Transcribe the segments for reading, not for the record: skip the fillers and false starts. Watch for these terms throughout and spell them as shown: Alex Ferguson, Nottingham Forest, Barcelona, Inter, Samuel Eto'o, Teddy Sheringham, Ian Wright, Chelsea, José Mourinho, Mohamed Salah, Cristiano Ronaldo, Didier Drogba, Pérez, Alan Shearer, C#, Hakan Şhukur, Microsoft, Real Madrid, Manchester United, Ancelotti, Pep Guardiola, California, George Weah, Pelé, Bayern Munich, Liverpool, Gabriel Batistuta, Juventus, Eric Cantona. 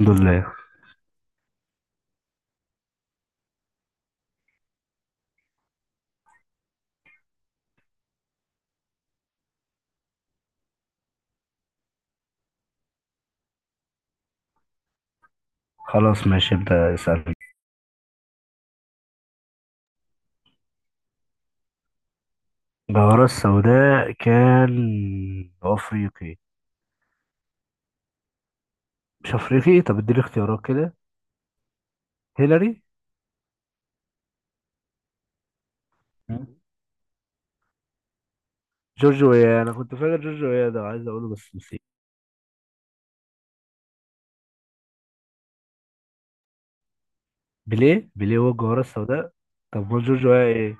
الحمد لله. خلاص، ماشي، ابدأ اسألني. الجوهرة السوداء كان أفريقي؟ مش أفريقي؟ طب اديني اختيارات كده. هيلاري؟ مم. جورج ويا. أنا كنت فاكر جورج ويا ده وعايز أقوله بس نسيت. بيليه؟ بيليه هو الجوهرة السوداء؟ طب هو جورج ويا إيه؟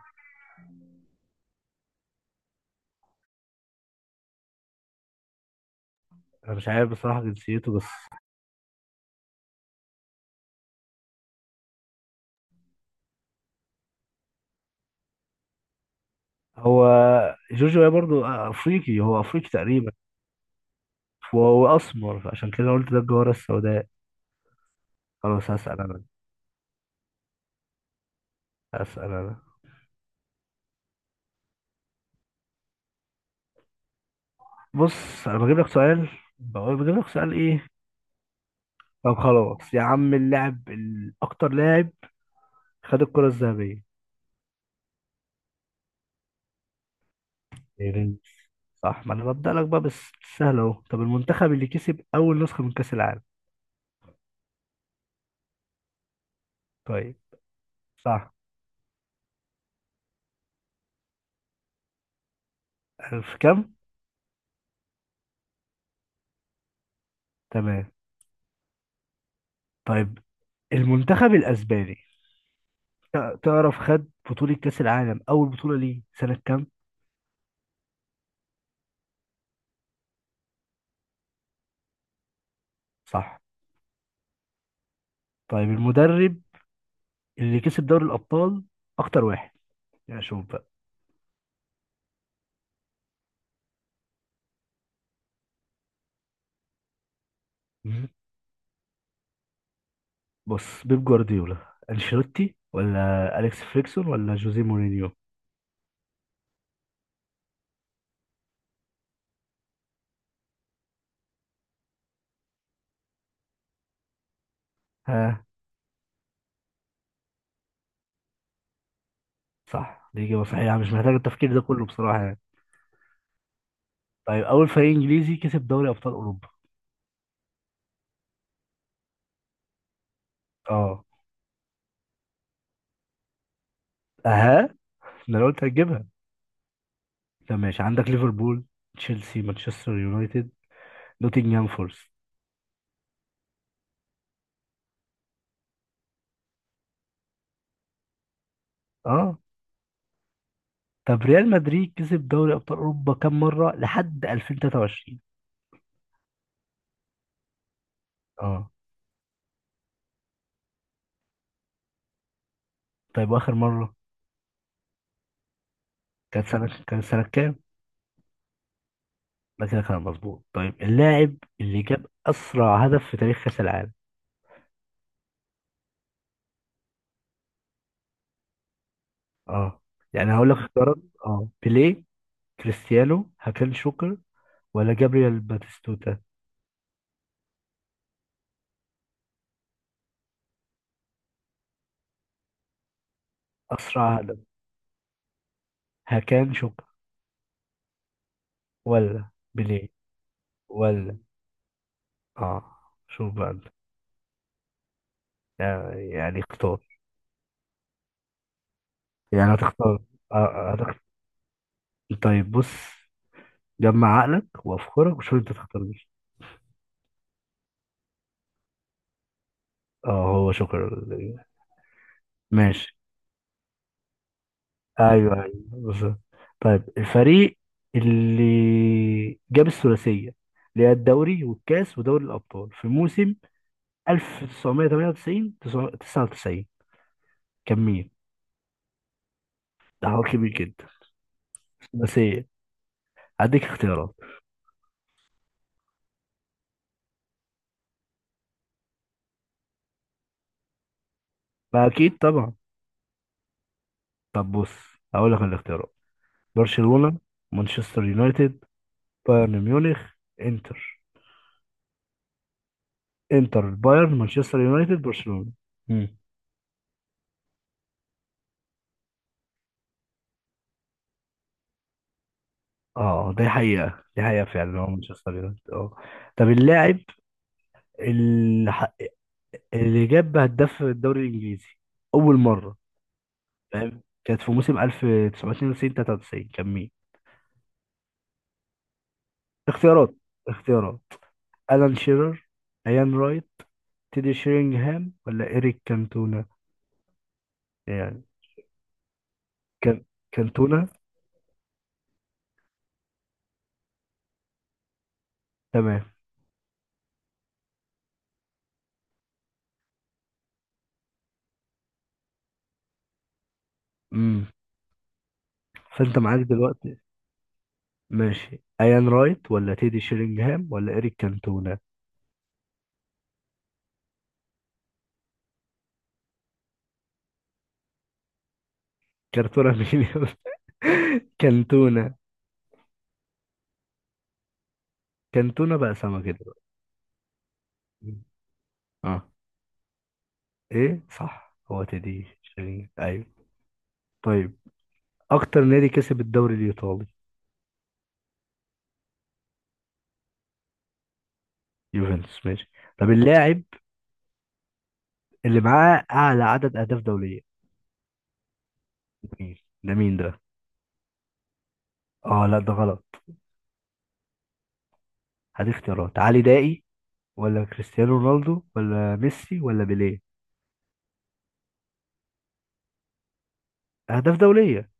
أنا مش عارف بصراحة جنسيته بس. هو جورج ويا برضو أفريقي، هو أفريقي تقريبا. وهو أسمر عشان كده قلت ده الجوهرة السوداء. خلاص هسأل أنا. هسأل أنا بص أنا بجيب لك سؤال إيه؟ طب خلاص يا عم، اللاعب اكتر لاعب خد الكرة الذهبية؟ بيريز. صح، ما انا ببدأ لك بقى بس. سهل اهو. طب المنتخب اللي كسب اول نسخة من كأس العالم؟ طيب. صح. في كام؟ تمام. طيب المنتخب الاسباني. تعرف خد بطولة كأس العالم اول بطولة ليه سنة كام؟ صح. طيب المدرب اللي كسب دوري الابطال اكتر واحد، يعني شوف بقى. مم. بص، بيب جوارديولا، انشيلوتي، ولا اليكس فريكسون، ولا جوزيه مورينيو؟ ها؟ صح، دي إجابة صحيحة يعني، مش محتاج التفكير ده كله بصراحة يعني. طيب أول فريق إنجليزي كسب دوري أبطال أوروبا؟ أه. أها. ده أنا قلت هتجيبها. طب ماشي، عندك ليفربول، تشيلسي، مانشستر يونايتد، نوتنجهام فورست. أه. طب ريال مدريد كسب دوري أبطال أوروبا كام مرة لحد 2023؟ أه. طيب وآخر مرة كانت سنة كام؟ ده كده كان مظبوط. طيب اللاعب اللي جاب أسرع هدف في تاريخ كأس العالم؟ أه. يعني هقول لك اختيارات. أه، بيليه، كريستيانو، هاكان شوكر، ولا جابرييل باتيستوتا؟ أسرع هدف. هكان شوكا ولا بيليه ولا؟ آه، شوف بقى أنت. يعني، يعني اختار. يعني هتختار. هتختار. طيب بص، جمع عقلك وأفكارك وشوف أنت تختار مين. آه، هو شكرا. ماشي. أيوه، أيوه، بالظبط. طيب الفريق اللي جاب الثلاثية، اللي هي الدوري والكاس ودوري الأبطال، في موسم 1998 99 كان مين؟ ده حوار كبير جدا. بس ايه؟ هديك اختيارات. ما اكيد طبعا. طب بص، هقول لك الاختيارات. برشلونة، مانشستر يونايتد، بايرن ميونخ، انتر. انتر، بايرن، مانشستر يونايتد، برشلونة. مم. اه، دي حقيقة، دي حقيقة فعلا، هو مانشستر يونايتد اه. طب اللاعب اللي, ح... اللي جاب هداف في الدوري الانجليزي اول مرة، فاهم، كانت في موسم 1992 93 كان مين؟ اختيارات. اختيارات الان شيرر، ايان، تيدي شيرينغهام، ولا إيريك كانتونا، يعني. كان. كانتونا. تمام. امم. فأنت معاك دلوقتي، ماشي، ايان رايت ولا تيدي شيرينغهام ولا إيريك كانتونا. كانتونا مين يا أسطى؟ كانتونا. كانتونا بقى سمكة دلوقتي. مم. اه. ايه صح، هو تيدي شيرينغهام، ايوه. طيب اكتر نادي كسب الدوري الايطالي؟ يوفنتوس ماشي. طب اللاعب اللي معاه اعلى عدد اهداف دولية مين؟ ده مين ده؟ اه لا، ده غلط. هدي اختيارات، علي دائي ولا كريستيانو رونالدو ولا ميسي ولا بيليه؟ اهداف دوليه.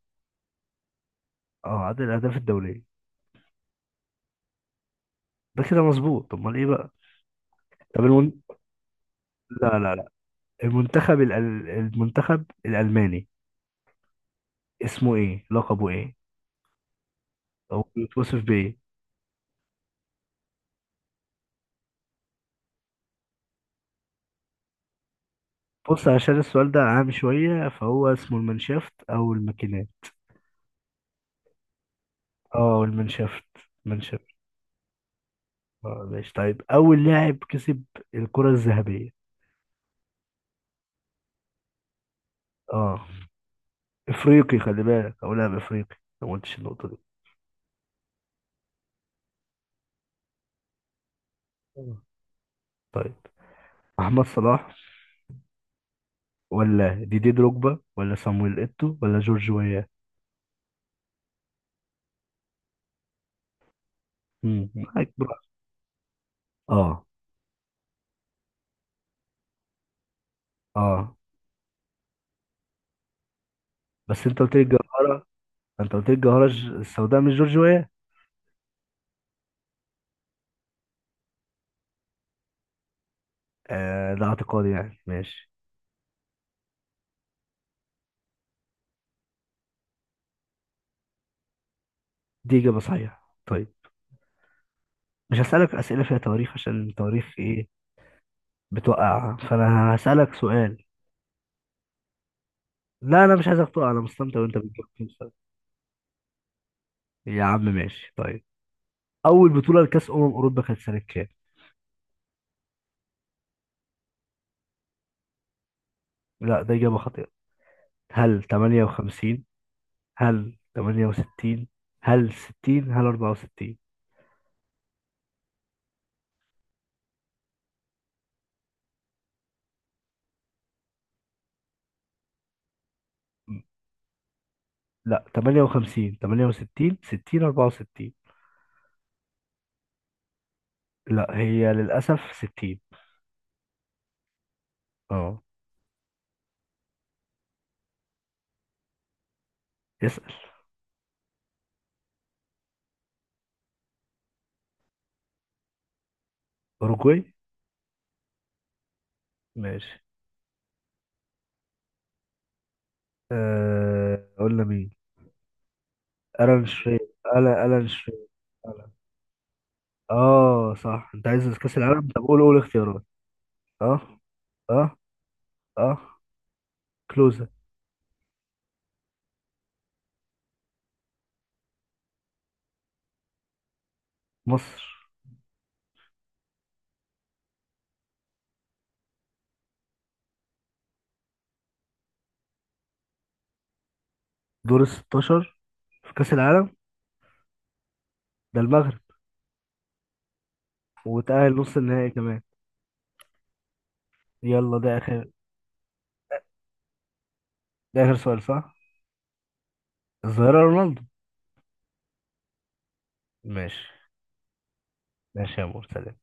اه، عدد الاهداف الدوليه. ده كده مظبوط. طب امال ايه بقى؟ طب المن... لا لا لا. المنتخب ال... المنتخب الالماني اسمه ايه؟ لقبه ايه؟ او بيتوصف بايه؟ بص، عشان السؤال ده عام شويه، فهو اسمه المانشافت او الماكينات. اه المانشافت. المانشافت. اه ماشي. طيب اول لاعب كسب الكره الذهبيه، اه، افريقي خلي بالك، او لاعب افريقي، ما قلتش النقطه دي. آه. طيب محمد صلاح ولا ديدي دروجبا ولا صامويل ايتو ولا جورج ويا؟ مم، معاك براحتك. اه، اه. بس انت قلت لي الجوهرة. انت قلت لي الجوهرة ج- السوداء، مش جورج ويا. آه، ده اعتقادي يعني ماشي. دي إجابة صحيحة. طيب مش هسألك أسئلة فيها تواريخ، عشان التواريخ إيه، بتوقع، فأنا هسألك سؤال. لا، أنا مش عايزك تقع، أنا مستمتع وأنت بتجاوب في السؤال. يا عم ماشي طيب. أول بطولة لكأس أمم أوروبا كانت سنة كام؟ لا، ده إجابة خاطئة. هل 58؟ هل 68؟ هل 60؟ هل 64؟ لا، 58، 68، 60، 64. لا هي للأسف 60. اه. اسأل. أوروجواي. ماشي. أه... قلنا مين؟ ألان شرير. ألا، ألان شرير. ألان. اه صح، انت عايز كأس العالم. طب قول، قول اختيارات. اه. اه. اه. كلوزة. مصر. دور ال 16 في كأس العالم. ده المغرب. وتأهل نص النهائي كمان. يلا، ده آخر. ده آخر سؤال صح؟ الظاهرة رونالدو. ماشي. ماشي يا مرتضى.